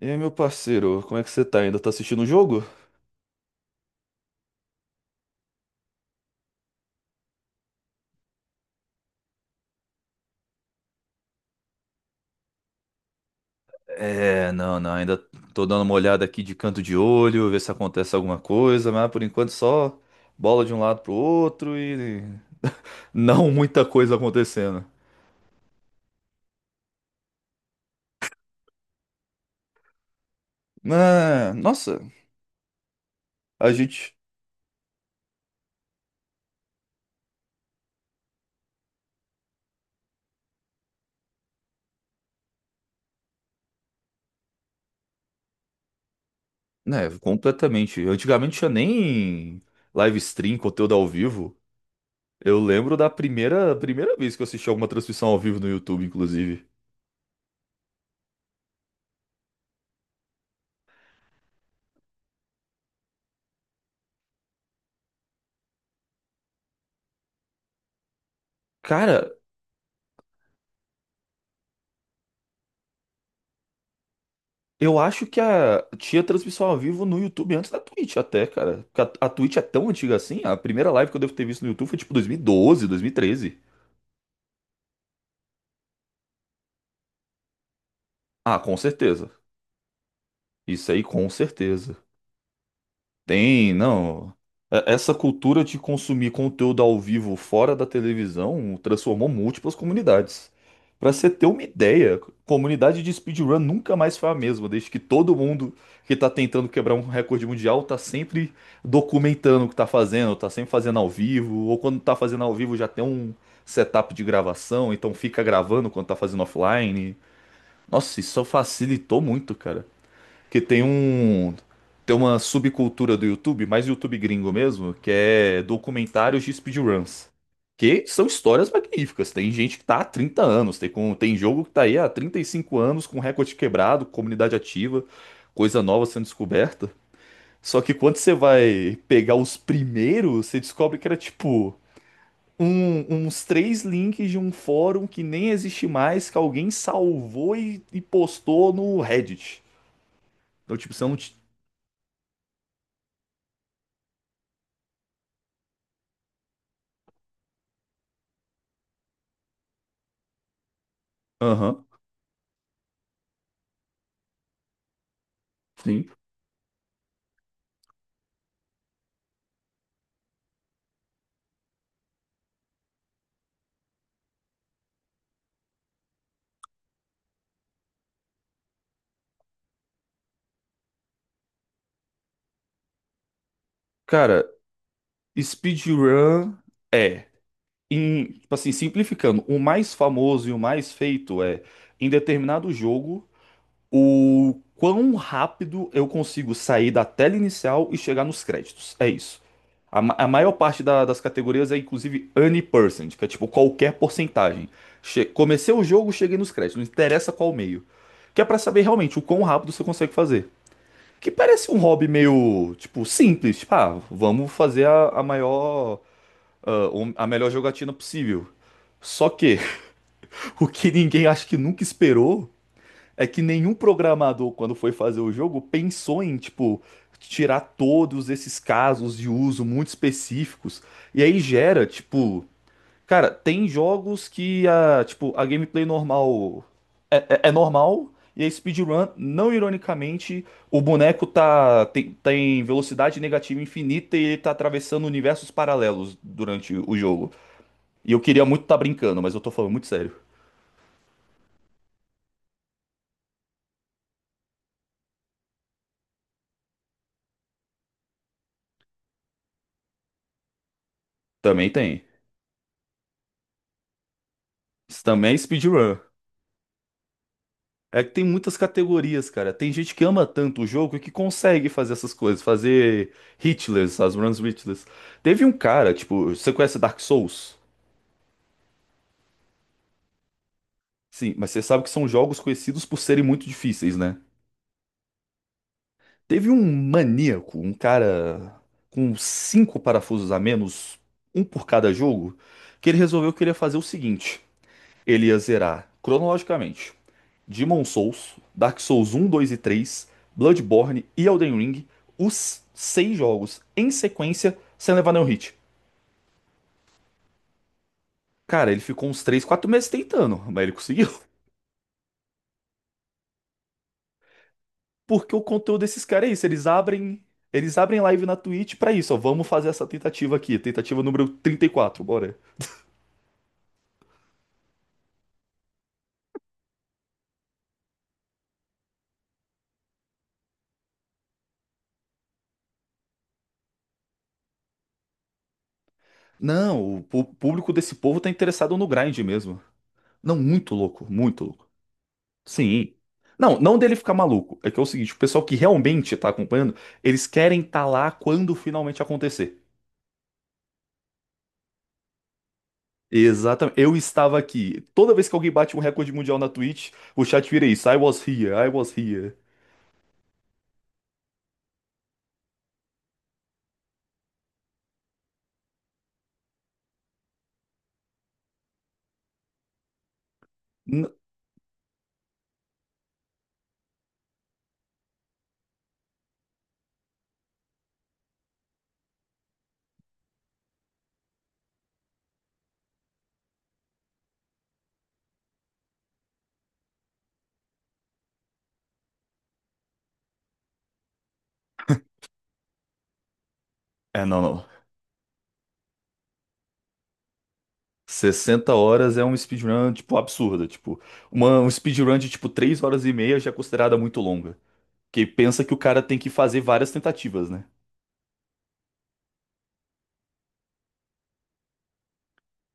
E aí, meu parceiro, como é que você tá? Ainda tá assistindo o jogo? É, não, não, ainda tô dando uma olhada aqui de canto de olho, ver se acontece alguma coisa, mas por enquanto só bola de um lado pro outro e não muita coisa acontecendo. Ah, nossa, a gente, né, completamente. Antigamente tinha nem live stream, conteúdo ao vivo. Eu lembro da primeira vez que eu assisti alguma transmissão ao vivo no YouTube, inclusive. Cara, eu acho que a tinha transmissão ao vivo no YouTube antes da Twitch até, cara. Porque a Twitch é tão antiga assim, a primeira live que eu devo ter visto no YouTube foi tipo 2012, 13. Ah, com certeza. Isso aí, com certeza. Tem, não. Essa cultura de consumir conteúdo ao vivo fora da televisão transformou múltiplas comunidades. Pra você ter uma ideia, comunidade de speedrun nunca mais foi a mesma, desde que todo mundo que tá tentando quebrar um recorde mundial tá sempre documentando o que tá fazendo, tá sempre fazendo ao vivo, ou quando tá fazendo ao vivo já tem um setup de gravação, então fica gravando quando tá fazendo offline. Nossa, isso facilitou muito, cara, que tem um, tem uma subcultura do YouTube, mais YouTube gringo mesmo, que é documentários de speedruns. Que são histórias magníficas. Tem gente que tá há 30 anos, tem, com, tem jogo que tá aí há 35 anos, com recorde quebrado, comunidade ativa, coisa nova sendo descoberta. Só que quando você vai pegar os primeiros, você descobre que era tipo uns três links de um fórum que nem existe mais, que alguém salvou e postou no Reddit. Então, tipo, você não. t- Aham. Sim. Cara, speedrun é, em, tipo assim, simplificando, o mais famoso e o mais feito é, em determinado jogo, o quão rápido eu consigo sair da tela inicial e chegar nos créditos. É isso. A, a maior parte das categorias é, inclusive, any percent, que é tipo qualquer porcentagem. Comecei o jogo, cheguei nos créditos, não interessa qual meio. Que é pra saber realmente o quão rápido você consegue fazer. Que parece um hobby meio, tipo, simples. Tipo, ah, vamos fazer a maior, ah, a melhor jogatina possível. Só que o que ninguém acho que nunca esperou é que nenhum programador, quando foi fazer o jogo, pensou em, tipo, tirar todos esses casos de uso muito específicos. E aí gera, tipo. Cara, tem jogos que a, tipo, a gameplay normal é, é normal e a speedrun, não ironicamente, o boneco tá tem, tem velocidade negativa infinita e ele tá atravessando universos paralelos durante o jogo. E eu queria muito tá brincando, mas eu tô falando muito sério. Também tem. Isso também é speedrun. É que tem muitas categorias, cara. Tem gente que ama tanto o jogo que consegue fazer essas coisas, fazer hitless, as runs hitless. Teve um cara, tipo, você conhece Dark Souls? Sim, mas você sabe que são jogos conhecidos por serem muito difíceis, né? Teve um maníaco, um cara com cinco parafusos a menos, um por cada jogo, que ele resolveu que ele ia fazer o seguinte: ele ia zerar cronologicamente Demon Souls, Dark Souls um, 2 e 3, Bloodborne e Elden Ring, os seis jogos em sequência, sem levar nenhum hit. Cara, ele ficou uns 3, 4 meses tentando, mas ele conseguiu. Porque o conteúdo desses caras é isso, eles abrem live na Twitch pra isso, ó, vamos fazer essa tentativa aqui, tentativa número 34, bora. Não, o público desse povo tá interessado no grind mesmo. Não, muito louco, muito louco. Sim. Não, não dele ficar maluco. É que é o seguinte, o pessoal que realmente tá acompanhando, eles querem estar lá quando finalmente acontecer. Exatamente. Eu estava aqui. Toda vez que alguém bate um recorde mundial na Twitch, o chat vira isso. I was here, I was here. N- é, não, não. 60 horas é um speedrun, tipo, absurda. Tipo, uma, um speedrun de, tipo, 3 horas e meia já é considerada muito longa. Porque pensa que o cara tem que fazer várias tentativas, né?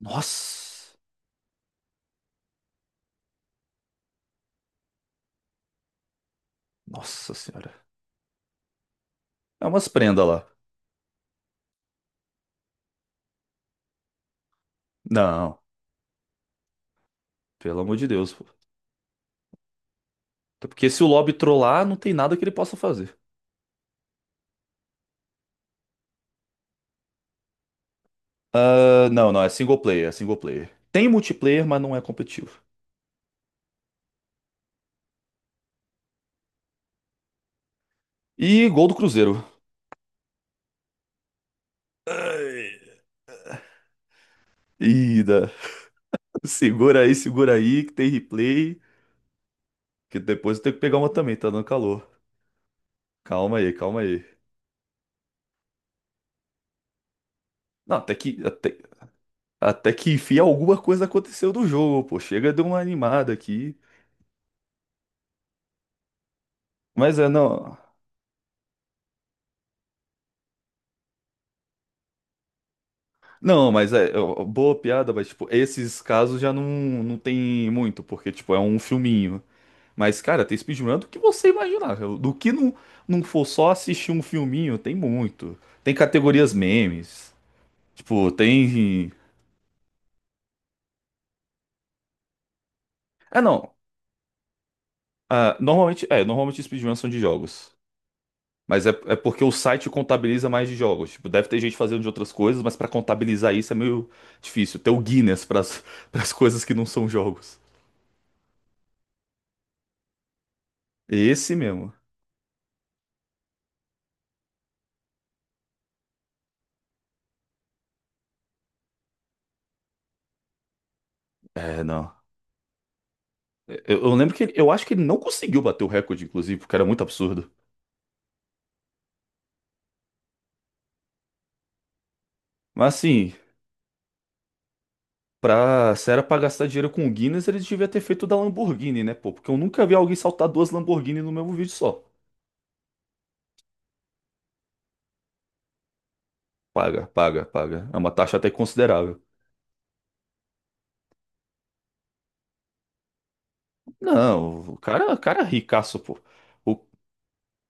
Nossa! Nossa senhora. É umas prendas lá. Não, pelo amor de Deus, pô. Até porque se o lobby trollar, não tem nada que ele possa fazer. Ah, não, não, é single player, é single player. Tem multiplayer, mas não é competitivo. E gol do Cruzeiro. Ida. Segura aí, que tem replay. Que depois eu tenho que pegar uma também, tá dando calor. Calma aí, calma aí. Não, até que enfim alguma coisa aconteceu do jogo, pô. Chega de uma animada aqui. Mas é, não. Não, mas é, é, ó, boa piada, mas, tipo, esses casos já não, não tem muito, porque, tipo, é um filminho. Mas, cara, tem speedrun do que você imaginar. Do que não, não for só assistir um filminho, tem muito. Tem categorias memes. Tipo, tem. Ah, não. Ah, normalmente, é, normalmente speedruns são de jogos. Mas é, é porque o site contabiliza mais de jogos. Tipo, deve ter gente fazendo de outras coisas, mas pra contabilizar isso é meio difícil. Ter o Guinness pras as coisas que não são jogos. Esse mesmo. É, não. Eu lembro que ele- eu acho que ele não conseguiu bater o recorde, inclusive, porque era muito absurdo. Mas assim, pra, se era pra gastar dinheiro com o Guinness, eles deviam ter feito o da Lamborghini, né, pô? Porque eu nunca vi alguém saltar duas Lamborghini no mesmo vídeo só. Paga, paga, paga. É uma taxa até considerável. Não, o cara é ricaço, pô. O, o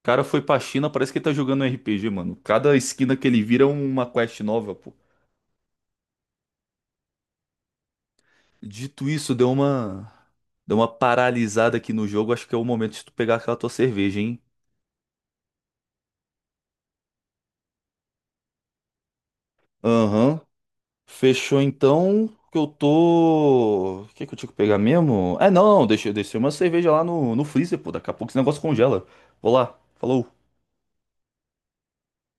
cara foi pra China, parece que ele tá jogando um RPG, mano. Cada esquina que ele vira é uma quest nova, pô. Dito isso, deu uma. Deu uma paralisada aqui no jogo. Acho que é o momento de tu pegar aquela tua cerveja, hein? Aham. Fechou então. Que eu tô. O que que eu tinha que pegar mesmo? É, não, deixa, deixa, deixei uma cerveja lá no, no freezer, pô. Daqui a pouco esse negócio congela. Vou lá. Falou.